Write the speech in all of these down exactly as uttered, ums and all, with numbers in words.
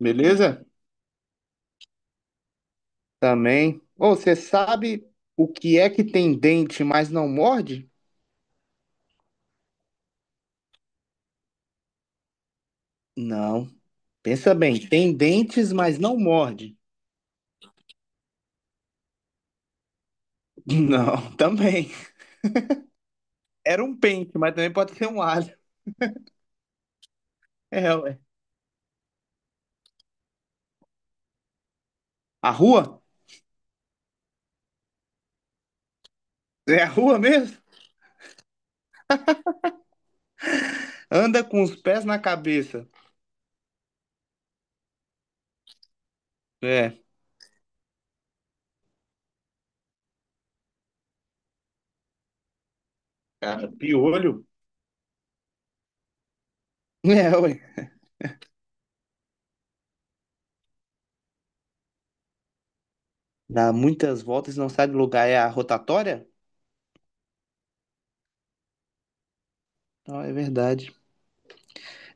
Beleza? Também. Ô, você sabe o que é que tem dente, mas não morde? Não. Pensa bem, tem dentes, mas não morde. Não, também. Era um pente, mas também pode ser um alho. É, ué. A rua? É a rua mesmo? Anda com os pés na cabeça. É. Cara, piolho. É, ué. Dá muitas voltas e não sai do lugar. É a rotatória? Não, é verdade.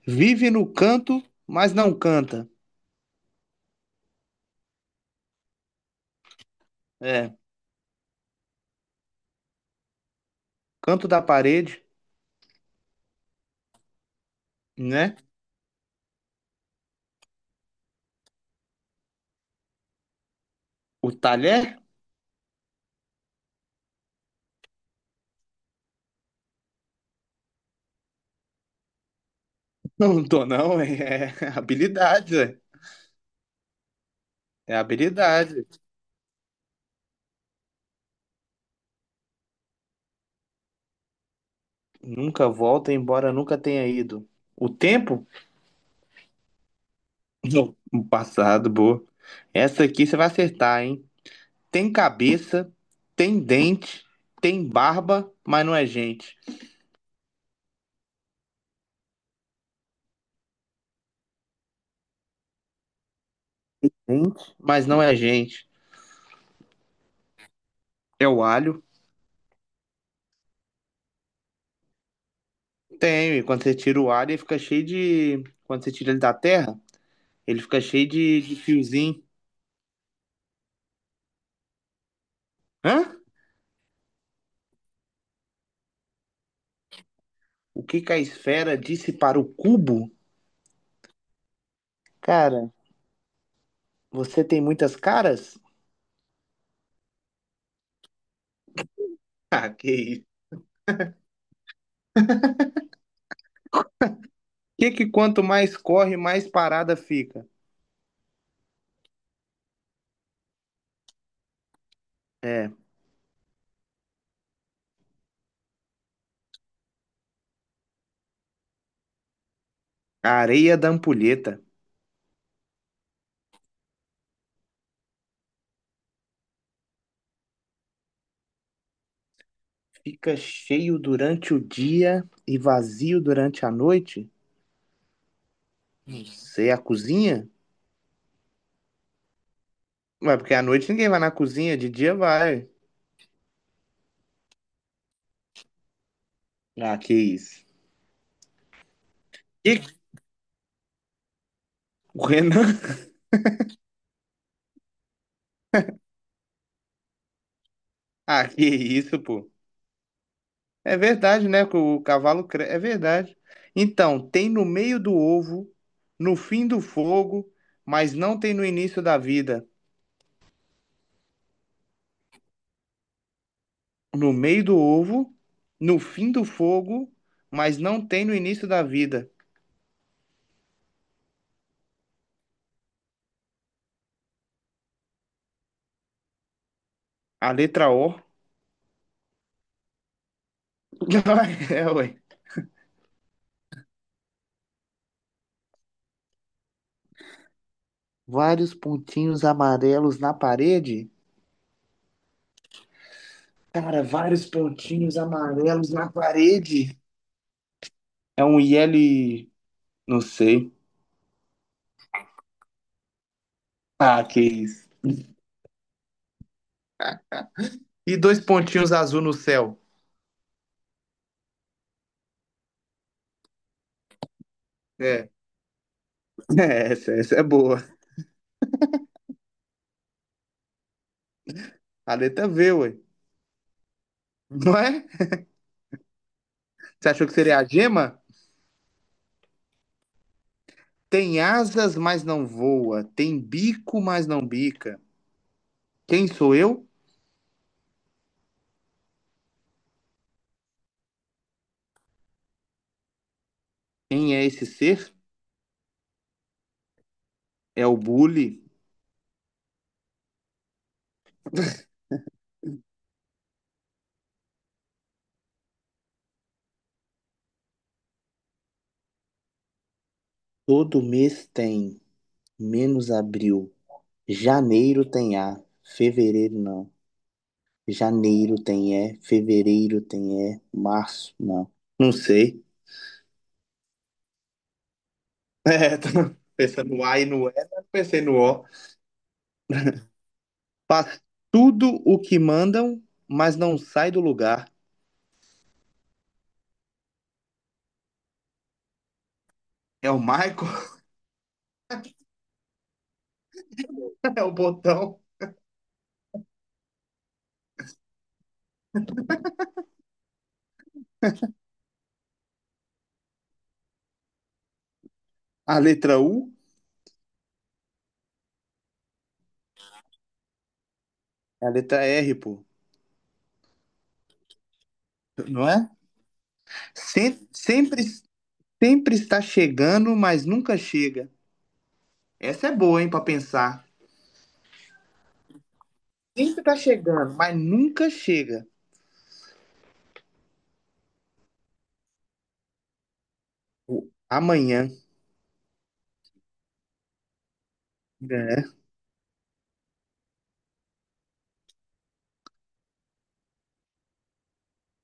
Vive no canto, mas não canta. É. Canto da parede, né? O talher? Não tô, não. É habilidade, velho. É habilidade. Nunca volta, embora nunca tenha ido. O tempo? Não. O passado, boa. Essa aqui você vai acertar, hein? Tem cabeça, tem dente, tem barba, mas não é gente. Gente? Mas não é gente. É o alho? Tem. E quando você tira o alho, ele fica cheio de. Quando você tira ele da terra, ele fica cheio de, de fiozinho. Hã? O que que a esfera disse para o cubo? Cara, você tem muitas caras? Ah, que isso. Que que quanto mais corre, mais parada fica? É, a areia da ampulheta. Fica cheio durante o dia e vazio durante a noite? Você é a cozinha? Ué, porque à noite ninguém vai na cozinha, de dia vai. Ah, que isso. Que o Renan? Ah, que isso, pô. É verdade, né? Que o cavalo cre... É verdade. Então, tem no meio do ovo, no fim do fogo, mas não tem no início da vida. No meio do ovo, no fim do fogo, mas não tem no início da vida. A letra O. É, ué. Vários pontinhos amarelos na parede? Cara, vários pontinhos amarelos na parede. É um I L. Não sei. Ah, que isso. E dois pontinhos azul no céu. É. É, essa, essa é boa. A letra V, ué. Não é? Você achou que seria a gema? Tem asas, mas não voa. Tem bico, mas não bica. Quem sou eu? Quem é esse ser? É o bully. Todo mês tem, menos abril. Janeiro tem A, fevereiro não. Janeiro tem E, fevereiro tem E, março não. Não sei. É, tô pensando no A e no E, mas pensei no O. Faz tudo o que mandam, mas não sai do lugar. É o Michael? É o botão? A letra U? É a letra R, pô. Não é? Sempre, sempre Sempre está chegando, mas nunca chega. Essa é boa, hein, para pensar. Sempre está chegando, mas nunca chega. O amanhã, né?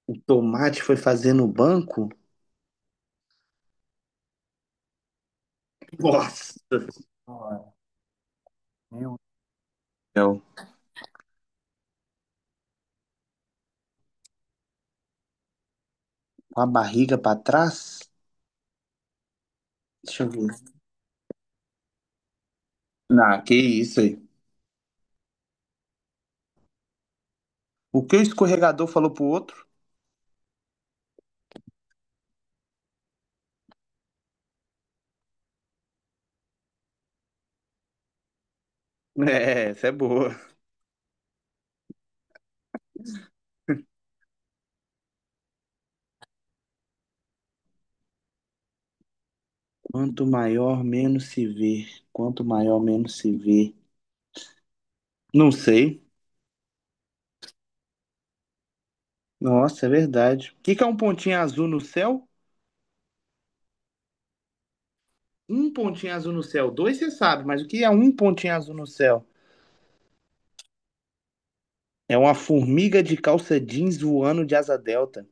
O tomate foi fazer no banco. Nossa senhora, meu Deus. Com a barriga para trás. Deixa eu ver. Não, que isso aí. O que o escorregador falou pro outro? É, essa é boa. Quanto maior, menos se vê. Quanto maior, menos se vê. Não sei. Nossa, é verdade. O que que é um pontinho azul no céu? Um pontinho azul no céu. Dois você sabe, mas o que é um pontinho azul no céu? É uma formiga de calça jeans voando de asa delta.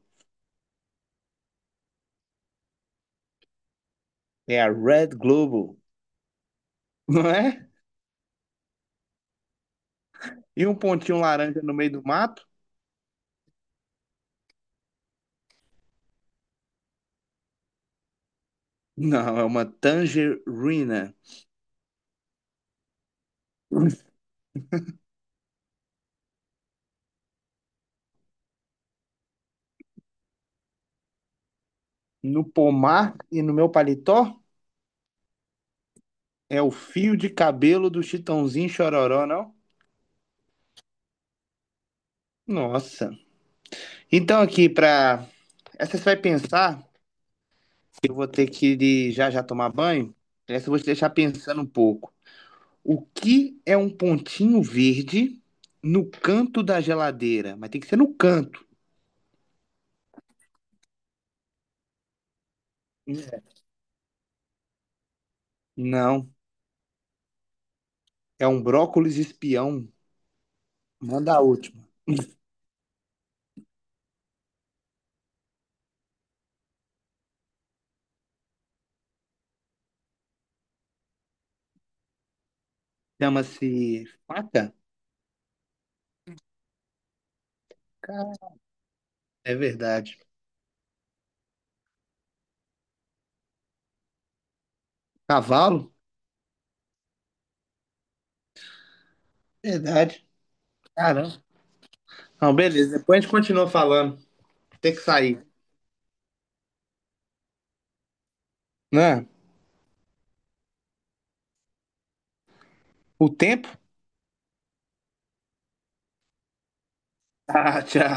É a Red Global, não é? E um pontinho laranja no meio do mato? Não, é uma tangerina. No pomar e no meu paletó? É o fio de cabelo do Chitãozinho Chororó, não? Nossa. Então aqui, pra... Essa você vai pensar, eu vou ter que ir já já tomar banho. Essa eu vou te deixar pensando um pouco. O que é um pontinho verde no canto da geladeira? Mas tem que ser no canto. É. Não, é um brócolis espião. Manda a última. Chama-se faca? Cara, é verdade. Cavalo? Verdade. Caramba. Não, beleza. Depois a gente continua falando. Tem que sair. Né? O tempo? Ah, tchau.